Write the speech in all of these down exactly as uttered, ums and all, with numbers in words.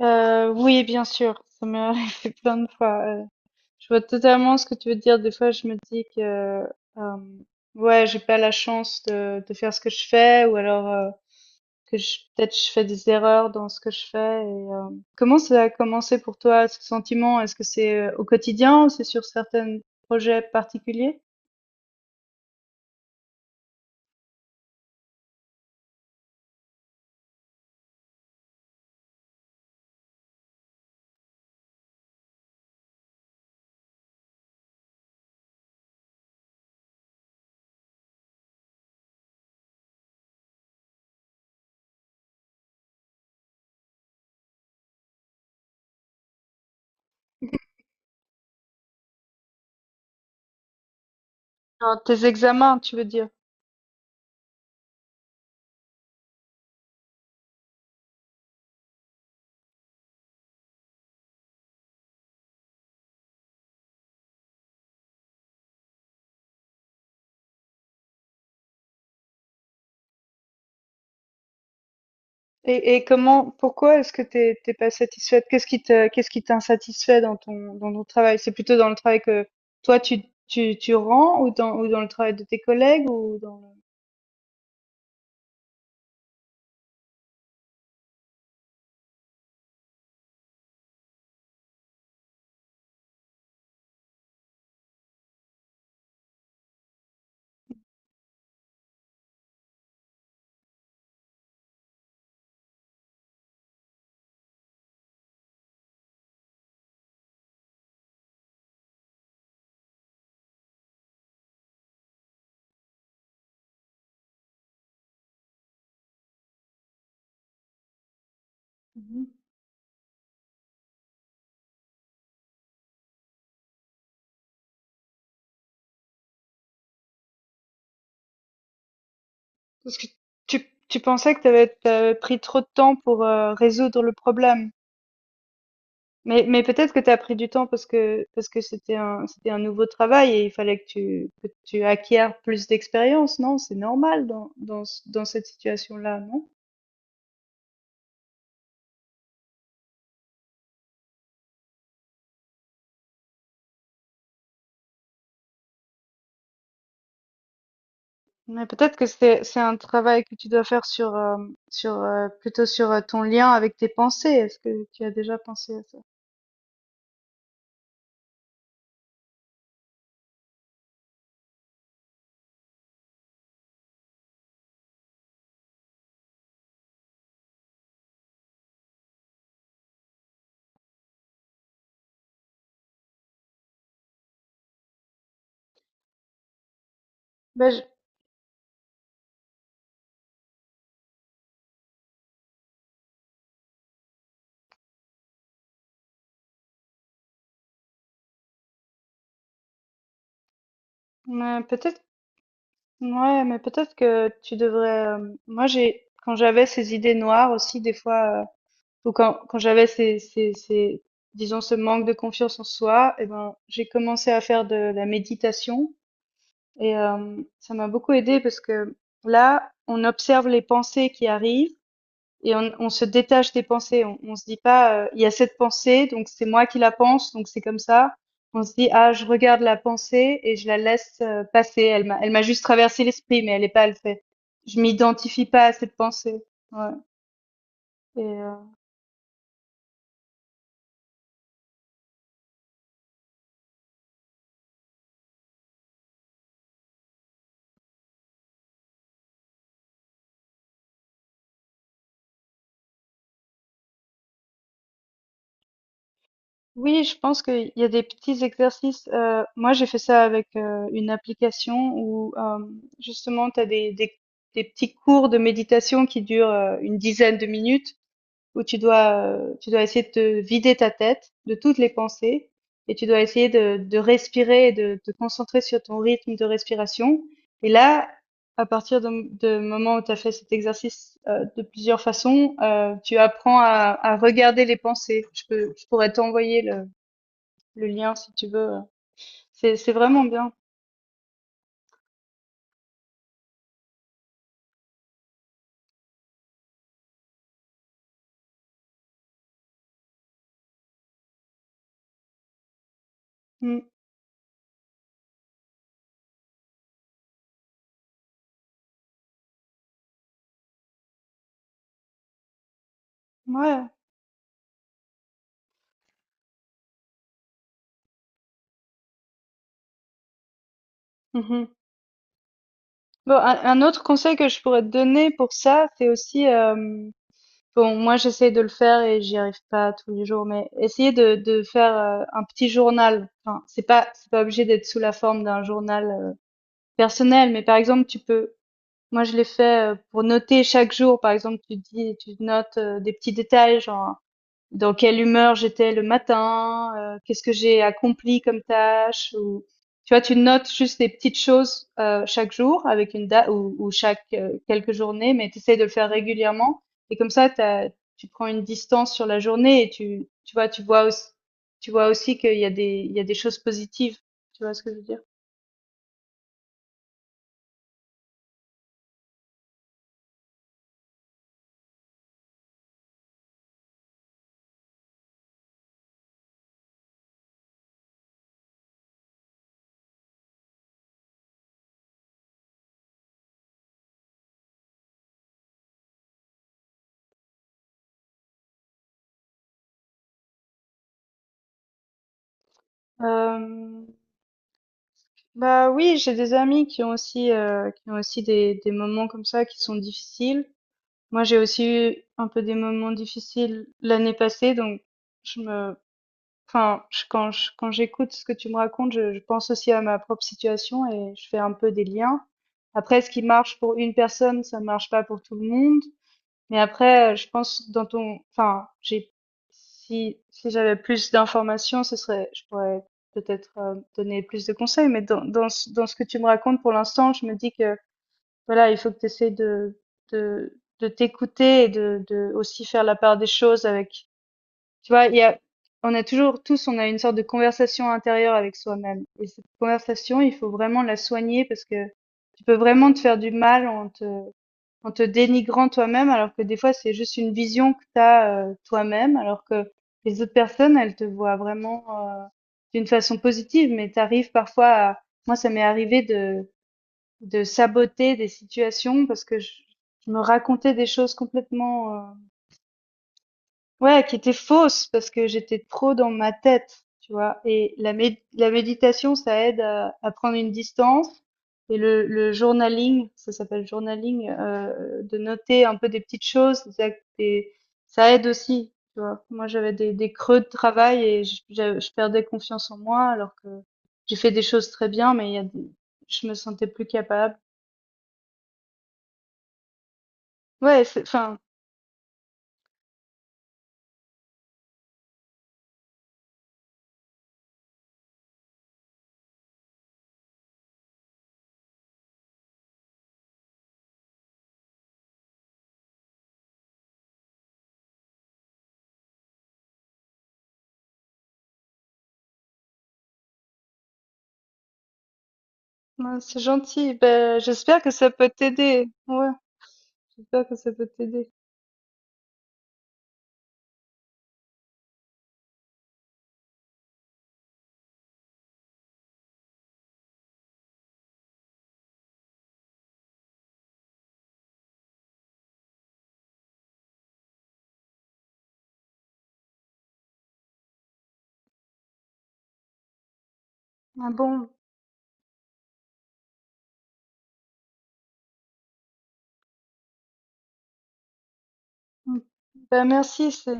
Euh, oui, bien sûr, ça m'est arrivé plein de fois. Euh, je vois totalement ce que tu veux dire. Des fois, je me dis que, euh, ouais, j'ai pas la chance de, de faire ce que je fais, ou alors euh, que je, peut-être je fais des erreurs dans ce que je fais. Et, euh, comment ça a commencé pour toi, ce sentiment? Est-ce que c'est euh, au quotidien ou c'est sur certains projets particuliers? Dans tes examens, tu veux dire? Et et comment pourquoi est-ce que t'es es pas satisfaite? Qu'est-ce qui te qu'est-ce qui t'insatisfait dans ton dans ton travail? C'est plutôt dans le travail que toi tu tu tu rends ou dans ou dans le travail de tes collègues ou dans le. Mmh, parce que tu tu pensais que t'avais avais pris trop de temps pour, heu, résoudre le problème. Mais mais peut-être que t'as pris du temps parce que parce que c'était un c'était un nouveau travail et il fallait que tu que tu acquières plus d'expérience, non? C'est normal dans dans ce dans cette situation-là, non? Mais peut-être que c'est c'est un travail que tu dois faire sur euh, sur euh, plutôt sur euh, ton lien avec tes pensées. Est-ce que tu as déjà pensé à ça? Ben je- mais peut-être Ouais, mais peut-être que tu devrais. Euh, moi j'ai quand j'avais ces idées noires aussi des fois euh, ou quand quand j'avais ces ces ces disons ce manque de confiance en soi, et ben j'ai commencé à faire de la méditation et euh, ça m'a beaucoup aidé parce que là on observe les pensées qui arrivent. Et on, on se détache des pensées. On, on se dit pas, euh, il y a cette pensée, donc c'est moi qui la pense, donc c'est comme ça. On se dit, ah, je regarde la pensée et je la laisse euh, passer. Elle m'a, elle m'a juste traversé l'esprit, mais elle n'est pas, elle fait. Je m'identifie pas à cette pensée. Ouais. Et, euh, oui, je pense qu'il y a des petits exercices. Euh, moi, j'ai fait ça avec euh, une application où euh, justement, tu as des, des, des petits cours de méditation qui durent euh, une dizaine de minutes où tu dois, euh, tu dois essayer de te vider ta tête de toutes les pensées et tu dois essayer de, de respirer et de te concentrer sur ton rythme de respiration. Et là, à partir de- de moment où tu as fait cet exercice euh, de plusieurs façons, euh, tu apprends à, à regarder les pensées. Je peux, je pourrais t'envoyer le, le lien si tu veux. C'est, c'est vraiment bien. Mm. Ouais. Mhm. Bon, un, un autre conseil que je pourrais te donner pour ça, c'est aussi euh, bon, moi j'essaie de le faire et j'y arrive pas tous les jours, mais essayer de, de faire euh, un petit journal. Enfin, c'est pas c'est pas obligé d'être sous la forme d'un journal euh, personnel, mais par exemple tu peux. Moi je l'ai fait euh, pour noter chaque jour. Par exemple, tu dis tu notes euh, des petits détails, genre dans quelle humeur j'étais le matin, euh, qu'est-ce que j'ai accompli comme tâche, ou tu vois, tu notes juste des petites choses euh, chaque jour avec une date ou, ou chaque euh, quelques journées, mais tu essaies de le faire régulièrement et comme ça, t'as- tu prends une distance sur la journée et tu, tu vois, tu vois aussi, tu vois aussi qu'il y a des, il y a des choses positives. Tu vois ce que je veux dire? Euh, Bah oui, j'ai des amis qui ont aussi, euh, qui ont aussi des, des moments comme ça qui sont difficiles. Moi, j'ai aussi eu un peu des moments difficiles l'année passée, donc je me, enfin, je- quand je- quand j'écoute ce que tu me racontes, je, je pense aussi à ma propre situation et je fais un peu des liens. Après, ce qui marche pour une personne, ça ne marche pas pour tout le monde. Mais après, euh, je pense dans ton, enfin, j'ai, si, si j'avais plus d'informations, ce serait, je pourrais peut-être euh, donner plus de conseils. Mais dans, dans ce, dans ce que tu me racontes pour l'instant, je me dis que voilà, il faut que tu essaies de, de, de t'écouter et de, de aussi faire la part des choses avec, tu vois, il y a, on a toujours tous, on a une sorte de conversation intérieure avec soi-même. Et cette conversation, il faut vraiment la soigner parce que tu peux vraiment te faire du mal en te, en te dénigrant toi-même, alors que des fois, c'est juste une vision que tu as euh, toi-même, alors que les autres personnes, elles te voient vraiment euh, d'une façon positive, mais tu arrives parfois à... Moi, ça m'est arrivé de, de saboter des situations parce que je, je me racontais des choses complètement, euh, ouais, qui étaient fausses parce que j'étais trop dans ma tête, tu vois. Et la, mé- la méditation, ça aide à, à prendre une distance. Et le, le journaling, ça s'appelle journaling, euh, de noter un peu des petites choses, des ac- des- ça aide aussi, tu vois. Moi, j'avais des, des creux de travail et je, je- je perdais confiance en moi alors que j'ai fait des choses très bien, mais il y a des- je me sentais plus capable. Ouais, c'est, enfin, Ouais, c'est gentil. Ben, j'espère que ça peut t'aider. Ouais, j'espère que ça peut t'aider. Ah bon? Mm. Ben merci, c'est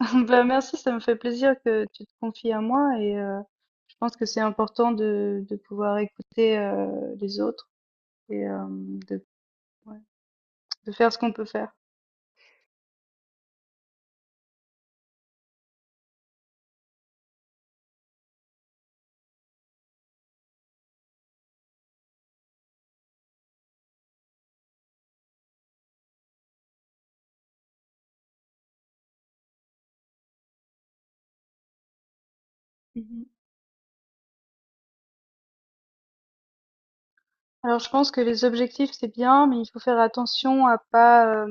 ben merci, ça me fait plaisir que tu te confies à moi et euh, je pense que c'est important de, de pouvoir écouter euh, les autres et euh, de, ouais, de faire ce qu'on peut faire. Mhm. Alors je pense que les objectifs c'est bien, mais il faut faire attention à pas euh,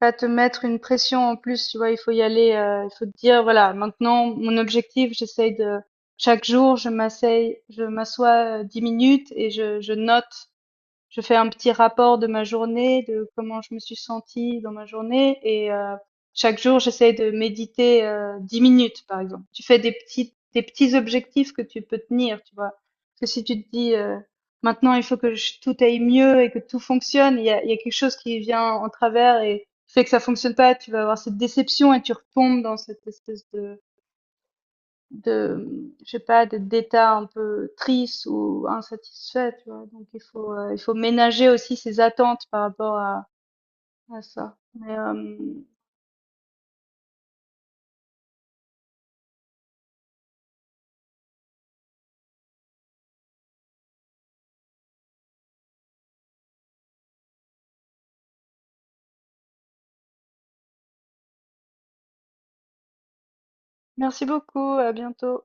pas te mettre une pression en plus, tu vois, il faut y aller, heu, il faut te dire: «Voilà, maintenant mon objectif, j'essaye de chaque jour, je m'asseye je m'assois, heu, dix minutes et je je note». Je fais un petit rapport de ma journée, de comment je me suis sentie dans ma journée et euh, chaque jour j'essaie de méditer euh, dix minutes par exemple. Tu fais des petits des petits objectifs que tu peux tenir, tu vois. Parce que si tu te dis euh, maintenant il faut que je- tout aille mieux et que tout fonctionne, il y a, il y a quelque chose qui vient en travers et fait que ça fonctionne pas, tu vas avoir cette déception et tu retombes dans cette espèce de de je sais pas de d'état un peu triste ou insatisfait, tu vois, donc il faut euh, il faut ménager aussi ses attentes par rapport à, à ça mais euh, merci beaucoup, à bientôt.